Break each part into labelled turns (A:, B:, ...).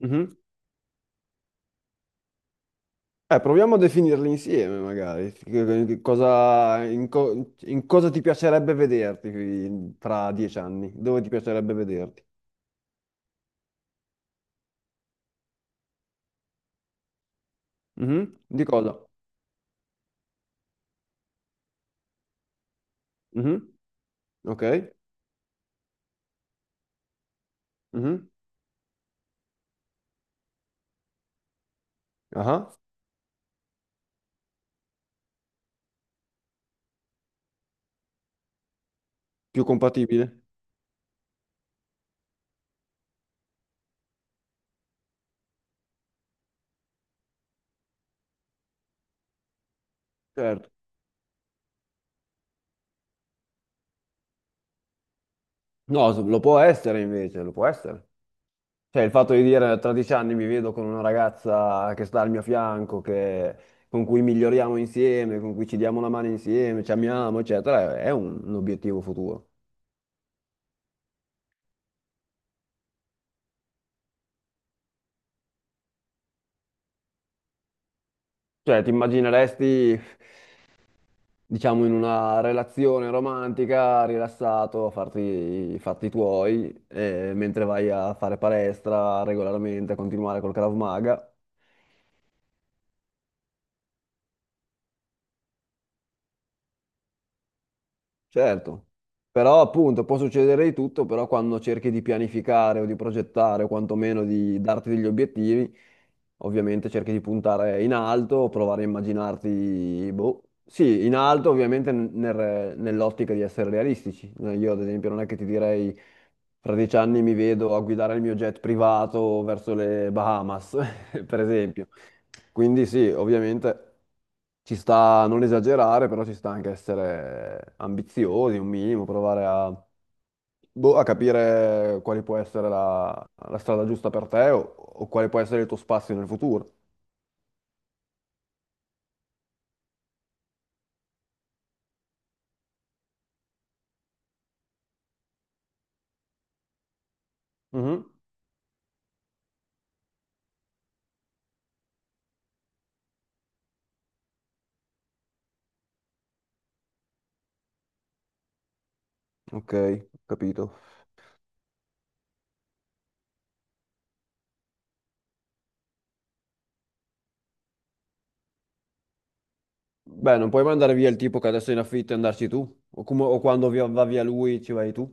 A: Mhm. Proviamo a definirli insieme, magari. Che Cosa, in cosa ti piacerebbe vederti tra 10 anni? Dove ti piacerebbe vederti? Mhm. Di cosa? Mhm. Ok. Mhm. Ah. Più compatibile? Certo. No, lo può essere invece, lo può essere. Cioè, il fatto di dire tra 10 anni mi vedo con una ragazza che sta al mio fianco, che- con cui miglioriamo insieme, con cui ci diamo una mano insieme, ci amiamo, eccetera, è un obiettivo futuro. Cioè, ti immagineresti, diciamo, in una relazione romantica, rilassato, a farti i fatti tuoi, mentre vai a fare palestra regolarmente, a continuare col Krav Maga. Certo, però appunto può succedere di tutto, però quando cerchi di pianificare o di progettare o quantomeno di darti degli obiettivi, ovviamente cerchi di puntare in alto, provare a immaginarti, boh, sì, in alto ovviamente nell'ottica di essere realistici. Io ad esempio non è che ti direi fra 10 anni mi vedo a guidare il mio jet privato verso le Bahamas, per esempio. Quindi sì, ovviamente ci sta a non esagerare, però ci sta anche essere ambiziosi un minimo, provare a, boh, a capire quale può essere la strada giusta per te o quale può essere il tuo spazio nel futuro. Mhm. Ok, ho capito. Beh, non puoi mandare via il tipo che adesso è in affitto e andarci tu, o, o quando va via lui ci vai tu.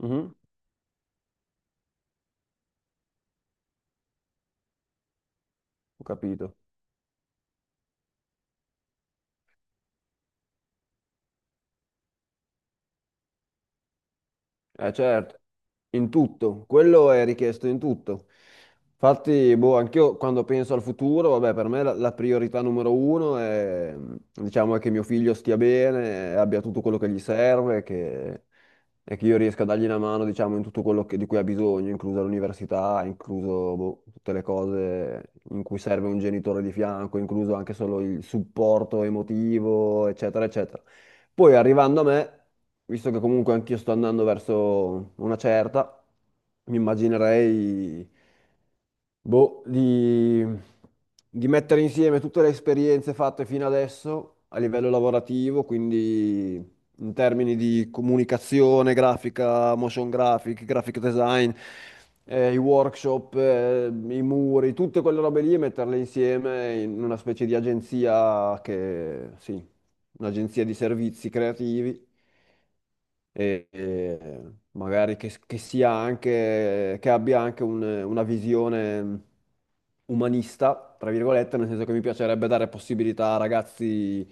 A: Mhm. Ho capito. Eh certo, in tutto, quello è richiesto in tutto. Infatti, boh, anch'io quando penso al futuro, vabbè, per me la priorità numero uno è, diciamo, è che mio figlio stia bene, abbia tutto quello che gli serve, che, e che io riesca a dargli una mano, diciamo, in tutto di cui ha bisogno, inclusa l'università, incluso, boh, tutte le cose in cui serve un genitore di fianco, incluso anche solo il supporto emotivo, eccetera, eccetera. Poi arrivando a me, visto che comunque anch'io sto andando verso una certa, mi immaginerei boh, di mettere insieme tutte le esperienze fatte fino adesso a livello lavorativo, quindi in termini di comunicazione, grafica, motion graphic, graphic design, i workshop, i muri, tutte quelle robe lì e metterle insieme in una specie di agenzia che, sì, un'agenzia di servizi creativi e magari che sia anche, che abbia anche una visione umanista, tra virgolette, nel senso che mi piacerebbe dare possibilità a ragazzi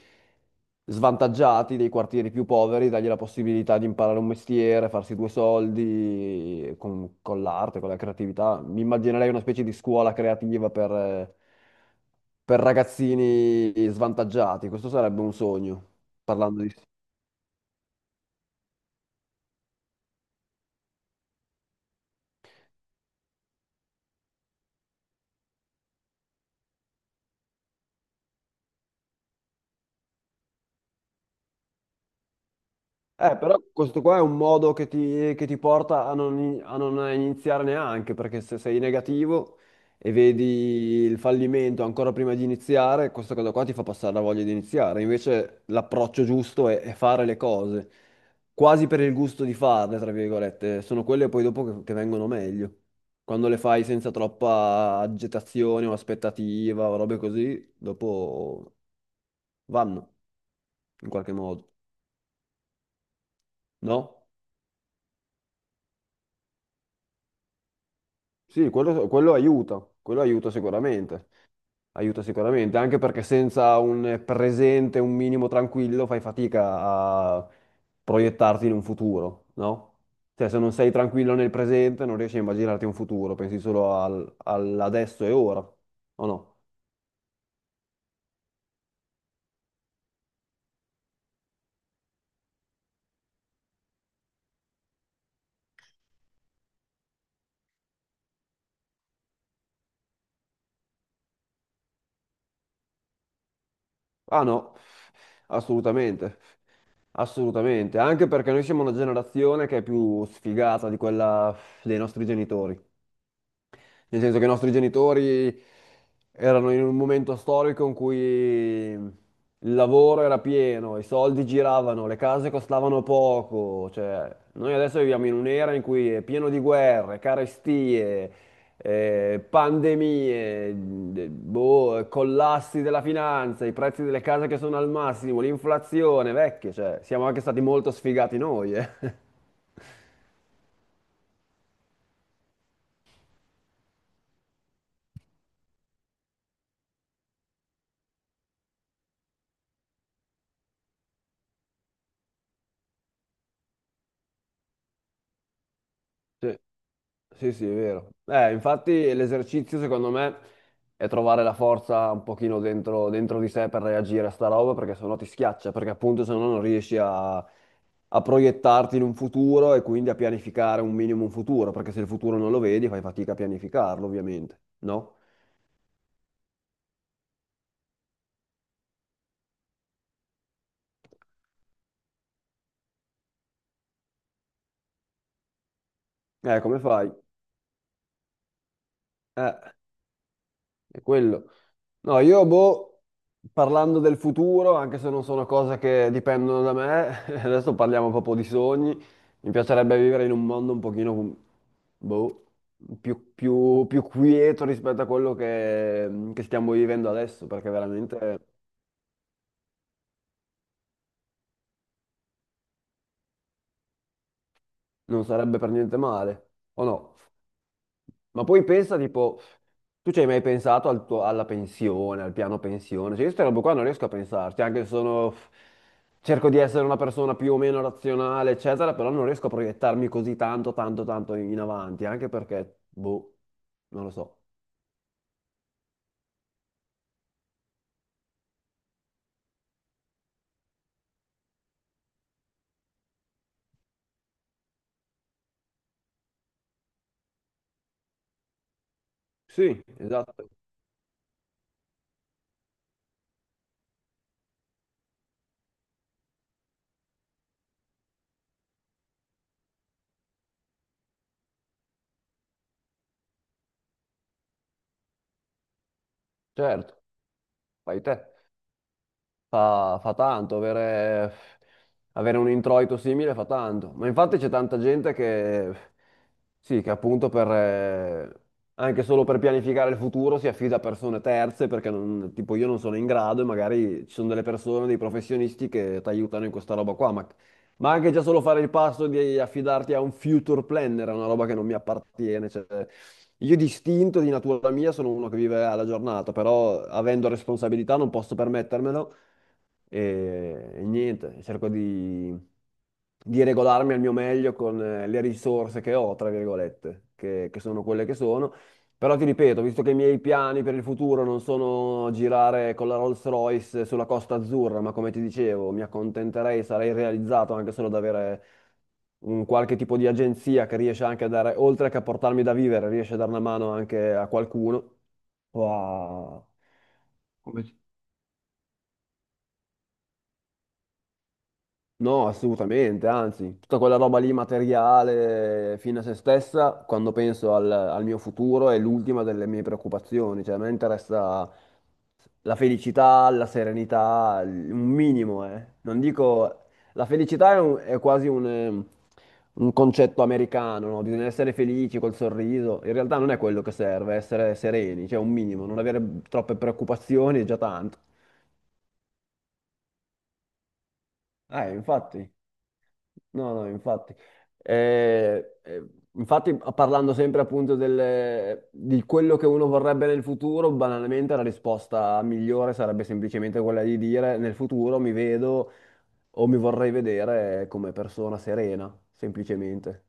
A: svantaggiati dei quartieri più poveri, dargli la possibilità di imparare un mestiere, farsi due soldi con l'arte, con la creatività. Mi immaginerei una specie di scuola creativa per ragazzini svantaggiati. Questo sarebbe un sogno, parlando di eh, però questo qua è un modo che ti porta a non, a non iniziare neanche, perché se sei negativo e vedi il fallimento ancora prima di iniziare, questa cosa qua ti fa passare la voglia di iniziare. Invece l'approccio giusto è fare le cose, quasi per il gusto di farle, tra virgolette. Sono quelle poi dopo che vengono meglio. Quando le fai senza troppa agitazione o aspettativa o robe così, dopo vanno in qualche modo, no? Sì, quello, quello aiuta sicuramente, anche perché senza un presente, un minimo tranquillo, fai fatica a proiettarti in un futuro, no? Cioè, se non sei tranquillo nel presente, non riesci a immaginarti un futuro, pensi solo all'adesso e ora, o no? Ah no, assolutamente, assolutamente, anche perché noi siamo una generazione che è più sfigata di quella dei nostri genitori. Nel senso che i nostri genitori erano in un momento storico in cui il lavoro era pieno, i soldi giravano, le case costavano poco. Cioè, noi adesso viviamo in un'era in cui è pieno di guerre, carestie, pandemie, boh, collassi della finanza, i prezzi delle case che sono al massimo, l'inflazione, vecchie. Cioè, siamo anche stati molto sfigati noi, eh. Sì. Sì, sì, è vero. Infatti l'esercizio secondo me è trovare la forza un pochino dentro, dentro di sé per reagire a sta roba perché sennò ti schiaccia, perché appunto se no non riesci a proiettarti in un futuro e quindi a pianificare un minimo un futuro, perché se il futuro non lo vedi fai fatica a pianificarlo, ovviamente, no? Come fai? Eh. È quello. No, io, boh, parlando del futuro, anche se non sono cose che dipendono da me, adesso parliamo proprio di sogni. Mi piacerebbe vivere in un mondo un pochino, boh, più quieto rispetto a quello che stiamo vivendo adesso, perché veramente non sarebbe per niente male, o no? Ma poi pensa, tipo, tu ci hai mai pensato al alla pensione, al piano pensione? Cioè, io queste robe qua non riesco a pensarci, anche se sono... Cerco di essere una persona più o meno razionale, eccetera, però non riesco a proiettarmi così tanto, tanto, tanto in avanti, anche perché, boh, non lo so. Sì, esatto, certo, fai te. Fa, fa tanto, avere, avere un introito simile fa tanto. Ma infatti c'è tanta gente che, sì, che appunto per, anche solo per pianificare il futuro si affida a persone terze perché non- tipo io non sono in grado e magari ci sono delle persone, dei professionisti che ti aiutano in questa roba qua. Ma anche già solo fare il passo di affidarti a un future planner è una roba che non mi appartiene. Cioè, io di istinto, di natura mia, sono uno che vive alla giornata, però avendo responsabilità non posso permettermelo e niente, cerco di regolarmi al mio meglio con le risorse che ho, tra virgolette, che sono quelle che sono. Però ti ripeto, visto che i miei piani per il futuro non sono girare con la Rolls-Royce sulla Costa Azzurra, ma come ti dicevo, mi accontenterei, sarei realizzato anche solo ad avere un qualche tipo di agenzia che riesce anche a dare, oltre che a portarmi da vivere, riesce a dare una mano anche a qualcuno o a, come no, assolutamente, anzi, tutta quella roba lì materiale fine a se stessa, quando penso al mio futuro, è l'ultima delle mie preoccupazioni, cioè a me interessa la felicità, la serenità, l- un minimo, eh. Non dico... La felicità è, è quasi un concetto americano, no? Bisogna essere felici col sorriso, in realtà non è quello che serve, essere sereni, cioè un minimo, non avere troppe preoccupazioni è già tanto. Infatti. No, no, infatti. Eh, eh, infatti, parlando sempre appunto di quello che uno vorrebbe nel futuro, banalmente la risposta migliore sarebbe semplicemente quella di dire nel futuro mi vedo o mi vorrei vedere come persona serena, semplicemente.